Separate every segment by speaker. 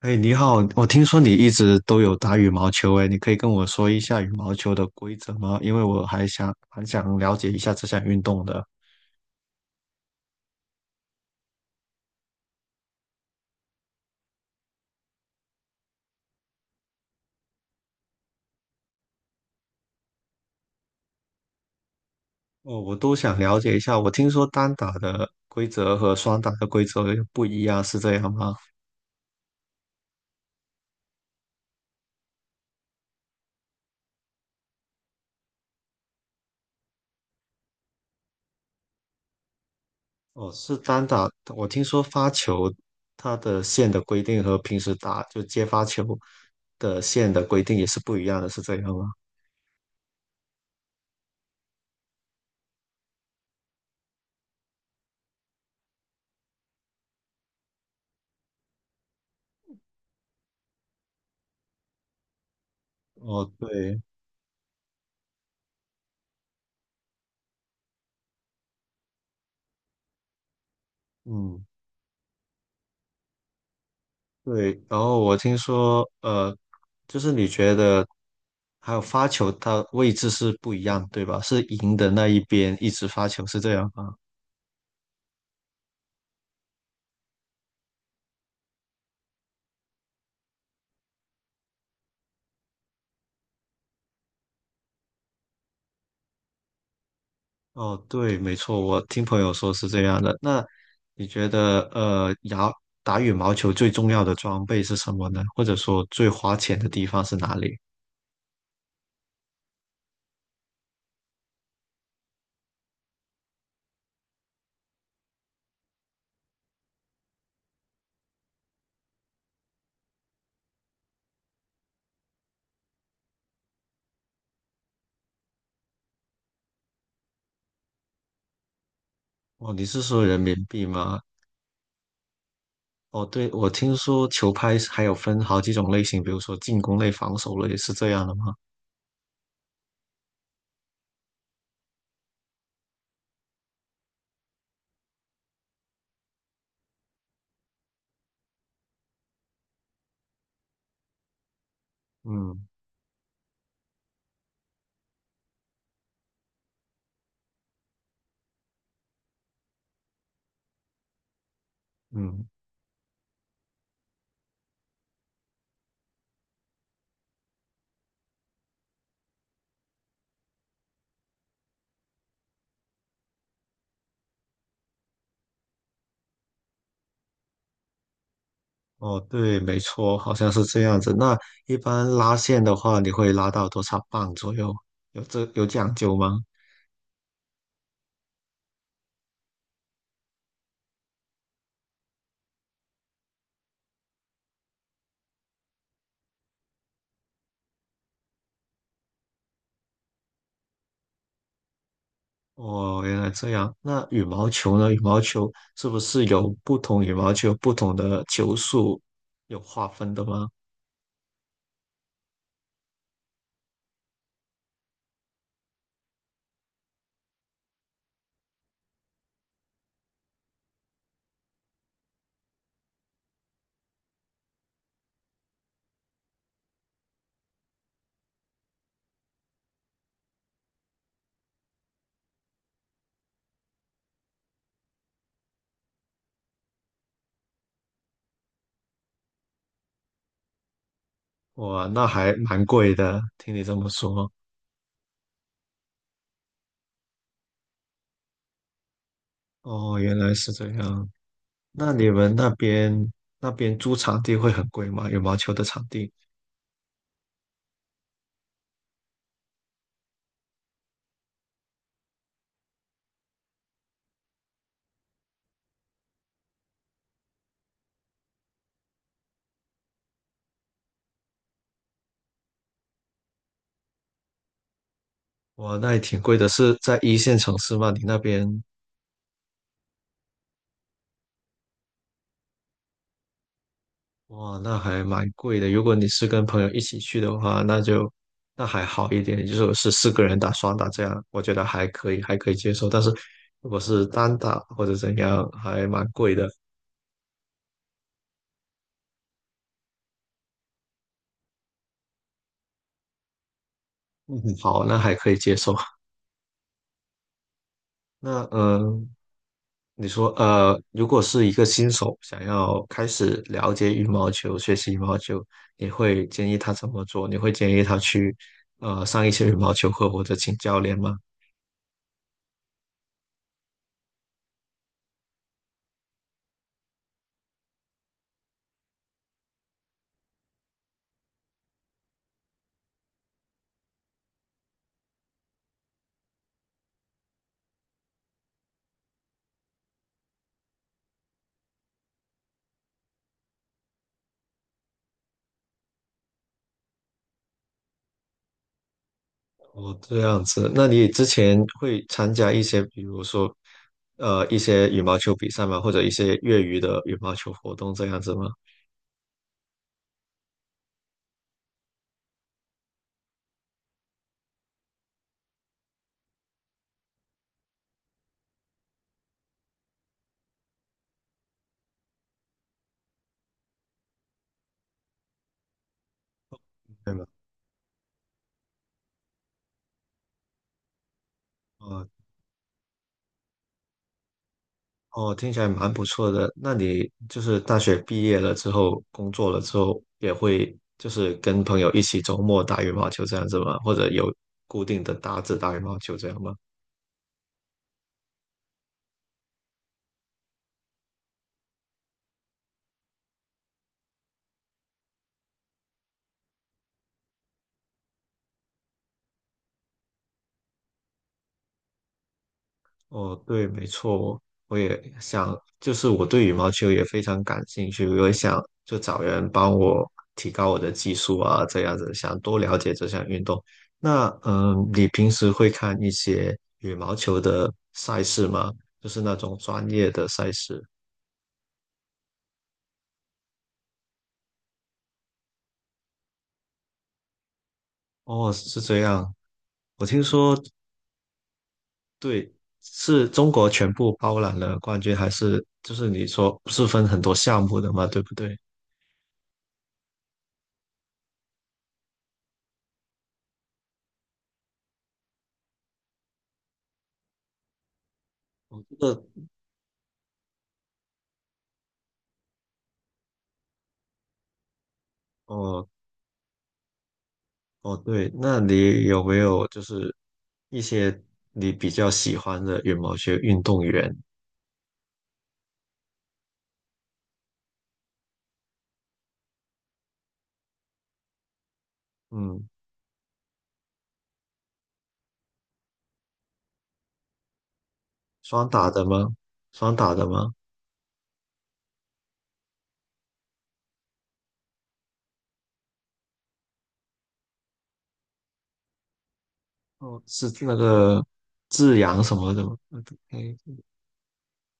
Speaker 1: 哎，你好，我听说你一直都有打羽毛球，哎，你可以跟我说一下羽毛球的规则吗？因为我还想蛮想了解一下这项运动的。哦，我都想了解一下。我听说单打的规则和双打的规则又不一样，是这样吗？哦，是单打。我听说发球它的线的规定和平时打就接发球的线的规定也是不一样的，是这样吗？哦，对，嗯。对，然后我听说，就是你觉得还有发球，它位置是不一样，对吧？是赢的那一边一直发球，是这样吗？哦，对，没错，我听朋友说是这样的。那你觉得，打羽毛球最重要的装备是什么呢？或者说最花钱的地方是哪里？哦，你是说人民币吗？哦，对，我听说球拍是还有分好几种类型，比如说进攻类、防守类，是这样的吗？嗯嗯。哦，对，没错，好像是这样子。那一般拉线的话，你会拉到多少磅左右？有这有讲究吗？哦，原来这样。那羽毛球呢？羽毛球是不是有不同羽毛球不同的球速有划分的吗？哇，那还蛮贵的。听你这么说，哦，原来是这样。那你们那边租场地会很贵吗？羽毛球的场地？哇，那也挺贵的，是在一线城市吗？你那边哇，那还蛮贵的。如果你是跟朋友一起去的话，那就那还好一点，就是我是四个人打双打这样，我觉得还可以，还可以接受。但是如果是单打或者怎样，还蛮贵的。嗯，好，那还可以接受。那你说如果是一个新手想要开始了解羽毛球、学习羽毛球，你会建议他怎么做？你会建议他去上一些羽毛球课或者请教练吗？哦，这样子，那你之前会参加一些，比如说，一些羽毛球比赛吗？或者一些业余的羽毛球活动这样子吗？对吗？哦哦，听起来蛮不错的。那你就是大学毕业了之后，工作了之后，也会就是跟朋友一起周末打羽毛球这样子吗？或者有固定的搭子打羽毛球这样吗？哦，对，没错，我也想，就是我对羽毛球也非常感兴趣，我也想就找人帮我提高我的技术啊，这样子想多了解这项运动。那嗯，你平时会看一些羽毛球的赛事吗？就是那种专业的赛事？哦，是这样。我听说，对，是中国全部包揽了冠军，还是就是你说不是分很多项目的嘛，对不对？我这个。哦，哦，对，那你有没有就是一些你比较喜欢的羽毛球运动员？嗯，双打的吗？双打的吗？哦，是那个志扬什么的吗？嗯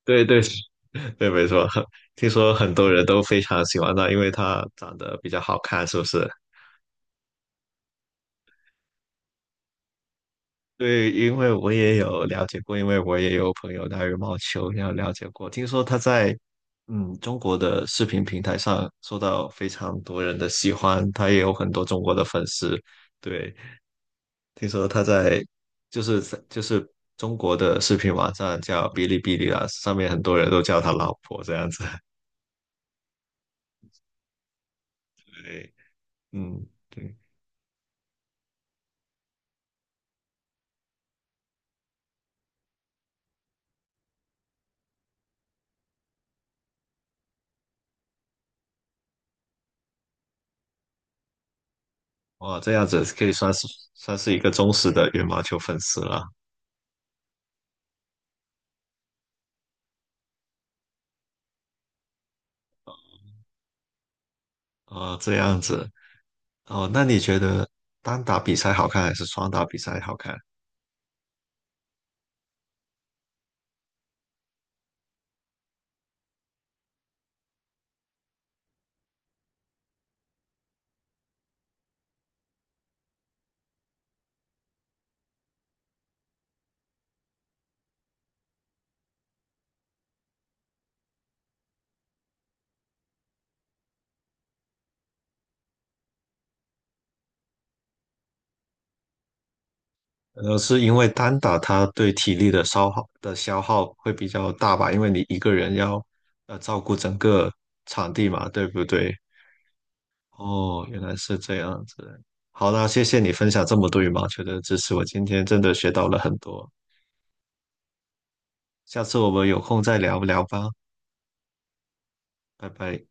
Speaker 1: 对对对，对没错。听说很多人都非常喜欢他，因为他长得比较好看，是不是？对，因为我也有了解过，因为我也有朋友打羽毛球，也有了解过。听说他在嗯中国的视频平台上受到非常多人的喜欢，他也有很多中国的粉丝。对，听说他在就是就是中国的视频网站叫哔哩哔哩啊，上面很多人都叫他老婆这样子。对，嗯，对，哇，这样子可以算是算是一个忠实的羽毛球粉丝了啊，这样子。哦，那你觉得单打比赛好看还是双打比赛好看？呃，是因为单打它对体力的消耗会比较大吧？因为你一个人要照顾整个场地嘛，对不对？哦，原来是这样子。好啦，谢谢你分享这么多羽毛球的知识，我今天真的学到了很多。下次我们有空再聊聊吧，拜拜。